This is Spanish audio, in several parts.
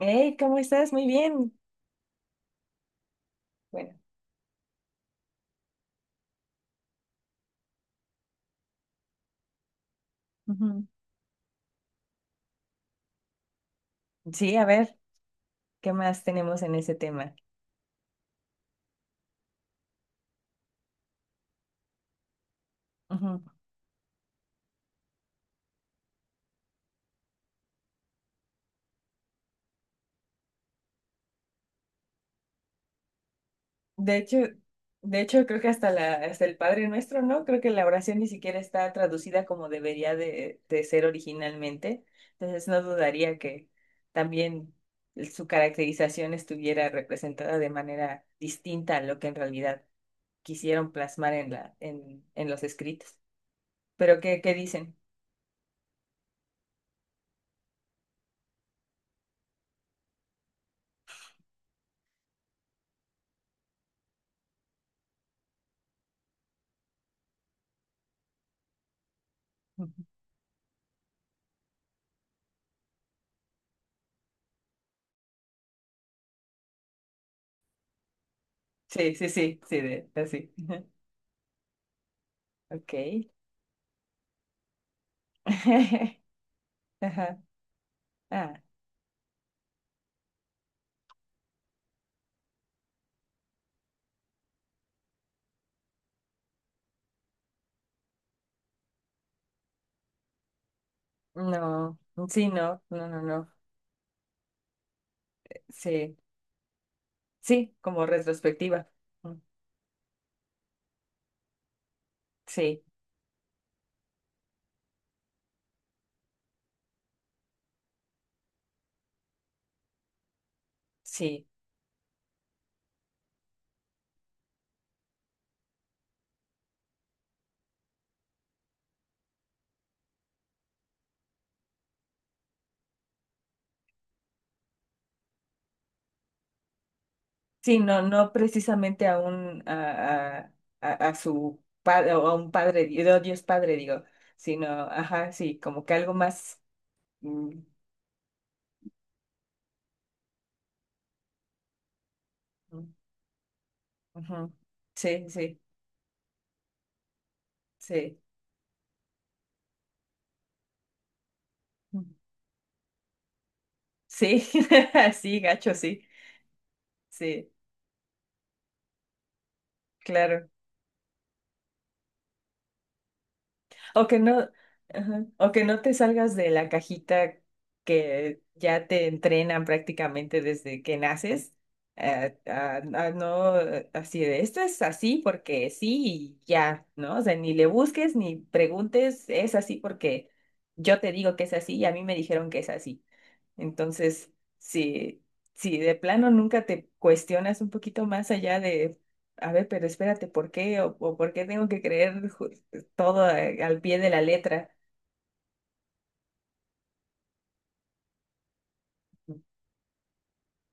Hey, ¿cómo estás? Muy bien. Bueno. Ujú. Sí, a ver, ¿qué más tenemos en ese tema? Ujú. De hecho, de hecho, creo que hasta hasta el Padre Nuestro, ¿no? Creo que la oración ni siquiera está traducida como debería de ser originalmente. Entonces no dudaría que también su caracterización estuviera representada de manera distinta a lo que en realidad quisieron plasmar en en los escritos. Pero ¿ qué dicen? Ujú. Sí, sí, sí, sí, de, así. Ok. Ajá. Ah, no. Sí, no, no, no, no. Sí, sí, como retrospectiva. Mm. Sí, sí. Sí, no, no precisamente a, a su padre, o a un padre, no, Dios padre, digo, sino, ajá, sí, como que algo más. mm, mm, ujú. Sí, sí, sí. Mm. Sí, sí, gacho, sí. Sí, claro. O que no, ajá, o que no te salgas de la cajita que ya te entrenan prácticamente desde que naces, a no así de esto es así porque sí y ya, ¿no? O sea, ni le busques ni preguntes, es así porque yo te digo que es así y a mí me dijeron que es así. Entonces, si, si de plano nunca te cuestionas un poquito más allá de, a ver, pero espérate, ¿por qué? O por qué tengo que creer todo al pie de la letra?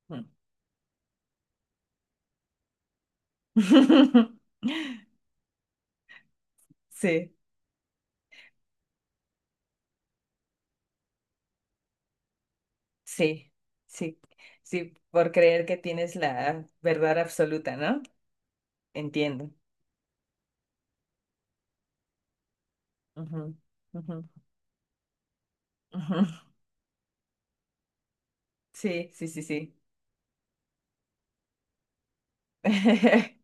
Ujú. Sí, sí, sí, sí, por creer que tienes la verdad absoluta, ¿no? Entiendo. Ujú, ujú, ujú. Sí, sí, sí, sí.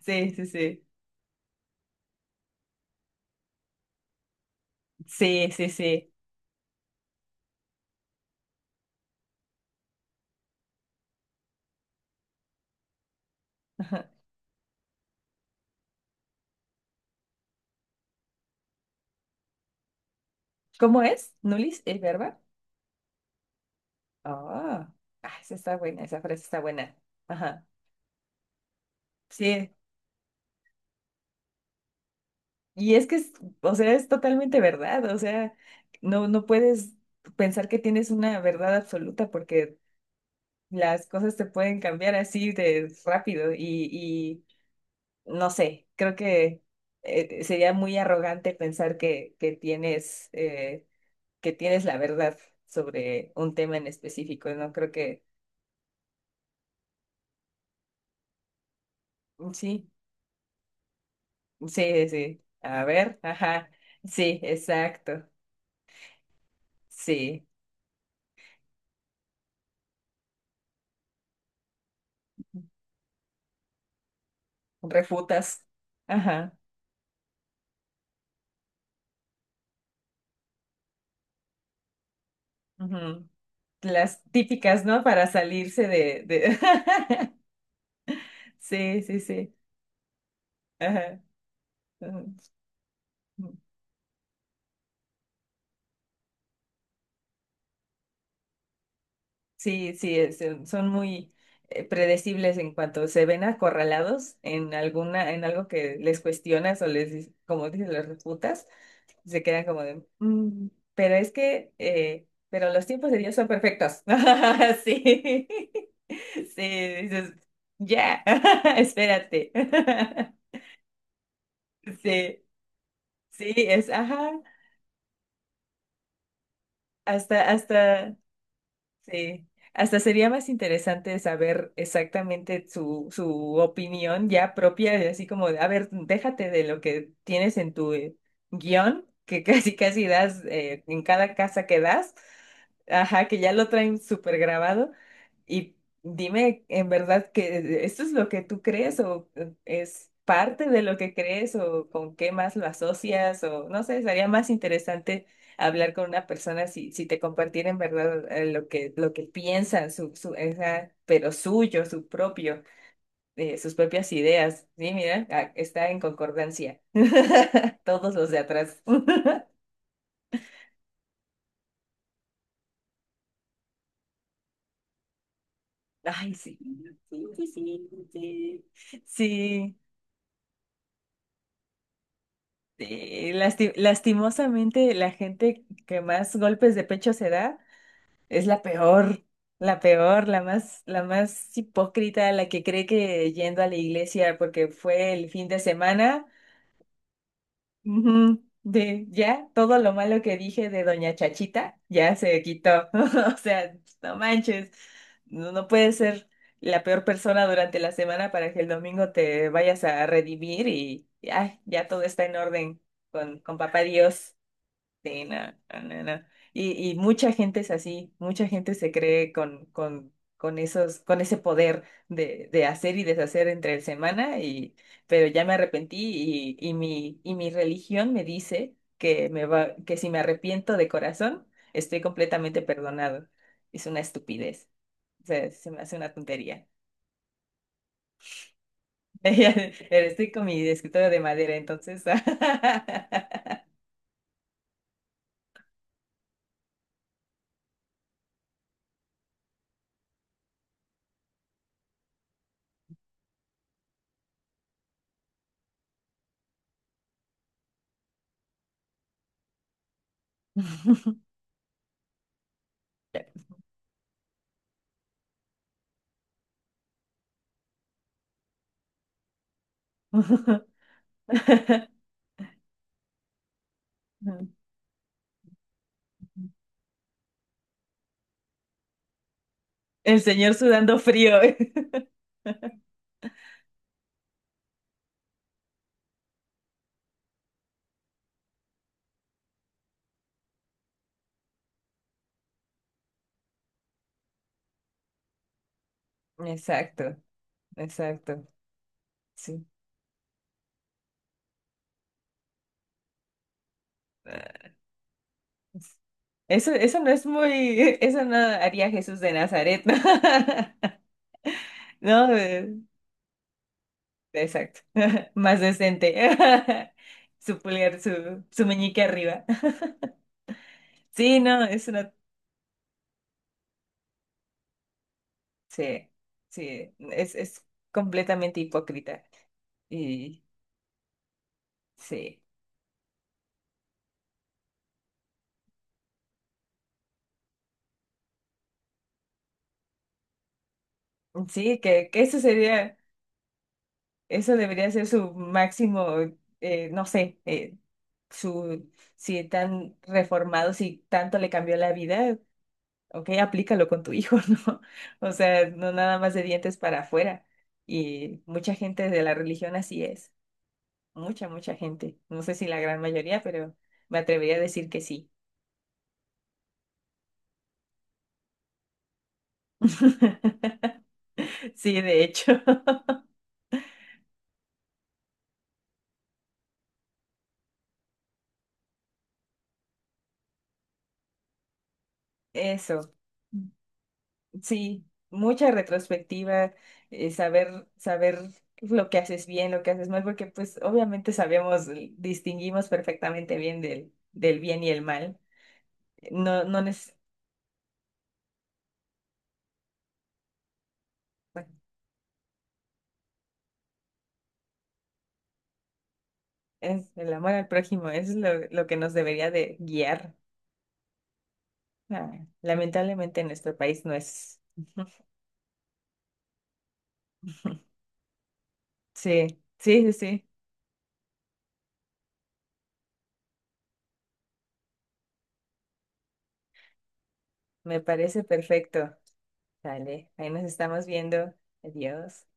Sí, sí, sí, sí. Sí, sí, Ajá. ¿Cómo es, Nulis, el verbo? Oh, ah, esa está buena, esa frase está buena. Ajá. Sí, y es que es, o sea, es totalmente verdad, o sea, no, no puedes pensar que tienes una verdad absoluta porque las cosas te pueden cambiar así de rápido y no sé, creo que sería muy arrogante pensar que tienes la verdad sobre un tema en específico, ¿no? Creo que mm, sí. Sí, sí. A ver, ajá. Sí, exacto. Sí. Refutas. Ajá. Ujú. Las típicas, ¿no? Para salirse de... Sí, sí, sí. Ajá. Ujú. Sí, sí, es- Son muy predecibles en cuanto se ven acorralados en alguna, en algo que les cuestionas o como dices, les refutas. Se quedan como de, "Mm, pero es que, pero los tiempos de Dios son perfectos." Sí, sí, dices, ya, espérate. Sí, sí, es, ajá, hasta, hasta... Sí, hasta sería más interesante saber exactamente su, su opinión ya propia, de así como, de, a ver, déjate de lo que tienes en tu guión, que casi casi das en cada casa que das, ajá, que ya lo traen súper grabado, y dime en verdad que esto es lo que tú crees o es parte de lo que crees o con qué más lo asocias o no sé, sería más interesante hablar con una persona si, si te compartiera en verdad lo que piensan, pero suyo, su propio, sus propias ideas. Sí, mira, ah, está en concordancia. Todos los de atrás. Ay, sí. Sí, sí, sí. Sí, sí, lastimosamente la gente que más golpes de pecho se da. Es la peor, la peor, la más hipócrita, la que cree que yendo a la iglesia porque fue el fin de semana, ujú, de ya todo lo malo que dije de Doña Chachita ya se quitó. O sea, no manches, no, no puedes ser la peor persona durante la semana para que el domingo te vayas a redimir y, ay, ya todo está en orden con Papá Dios. Sí, no, no, no, no. Y mucha gente es así, mucha gente se cree con esos, con ese poder de hacer y deshacer entre el semana, y, pero ya me arrepentí y, y mi religión me dice que me va, que si me arrepiento de corazón, estoy completamente perdonado. Es una estupidez. O sea, se me hace una tontería. Pero estoy con mi escritorio de madera, entonces. El señor sudando frío. Exacto, exacto. Sí. Ah, es- eso, eso no es muy, eso no haría Jesús de Nazaret, ¿no? No, exacto. Más decente. Su pulgar, su meñique arriba. Sí, no, es una, sí, sí, es completamente hipócrita. Y sí, sí, que eso sería. Eso debería ser su máximo, no sé, su, si tan reformado, si tanto le cambió la vida, ok, aplícalo con tu hijo, ¿no? O sea, no nada más de dientes para afuera. Y mucha gente de la religión así es, mucha, mucha gente. No sé si la gran mayoría, pero me atrevería a decir que sí. Sí, de hecho, eso. Sí, mucha retrospectiva, saber, saber lo que haces bien, lo que haces mal, porque pues obviamente sabemos, distinguimos perfectamente bien del, del bien y el mal. No, no neces- Bueno, es el amor al prójimo, es lo que nos debería de guiar. Ah, lamentablemente en nuestro país no es. Sí, sí, sí, sí, me parece perfecto. Dale, ahí nos estamos viendo. Adiós.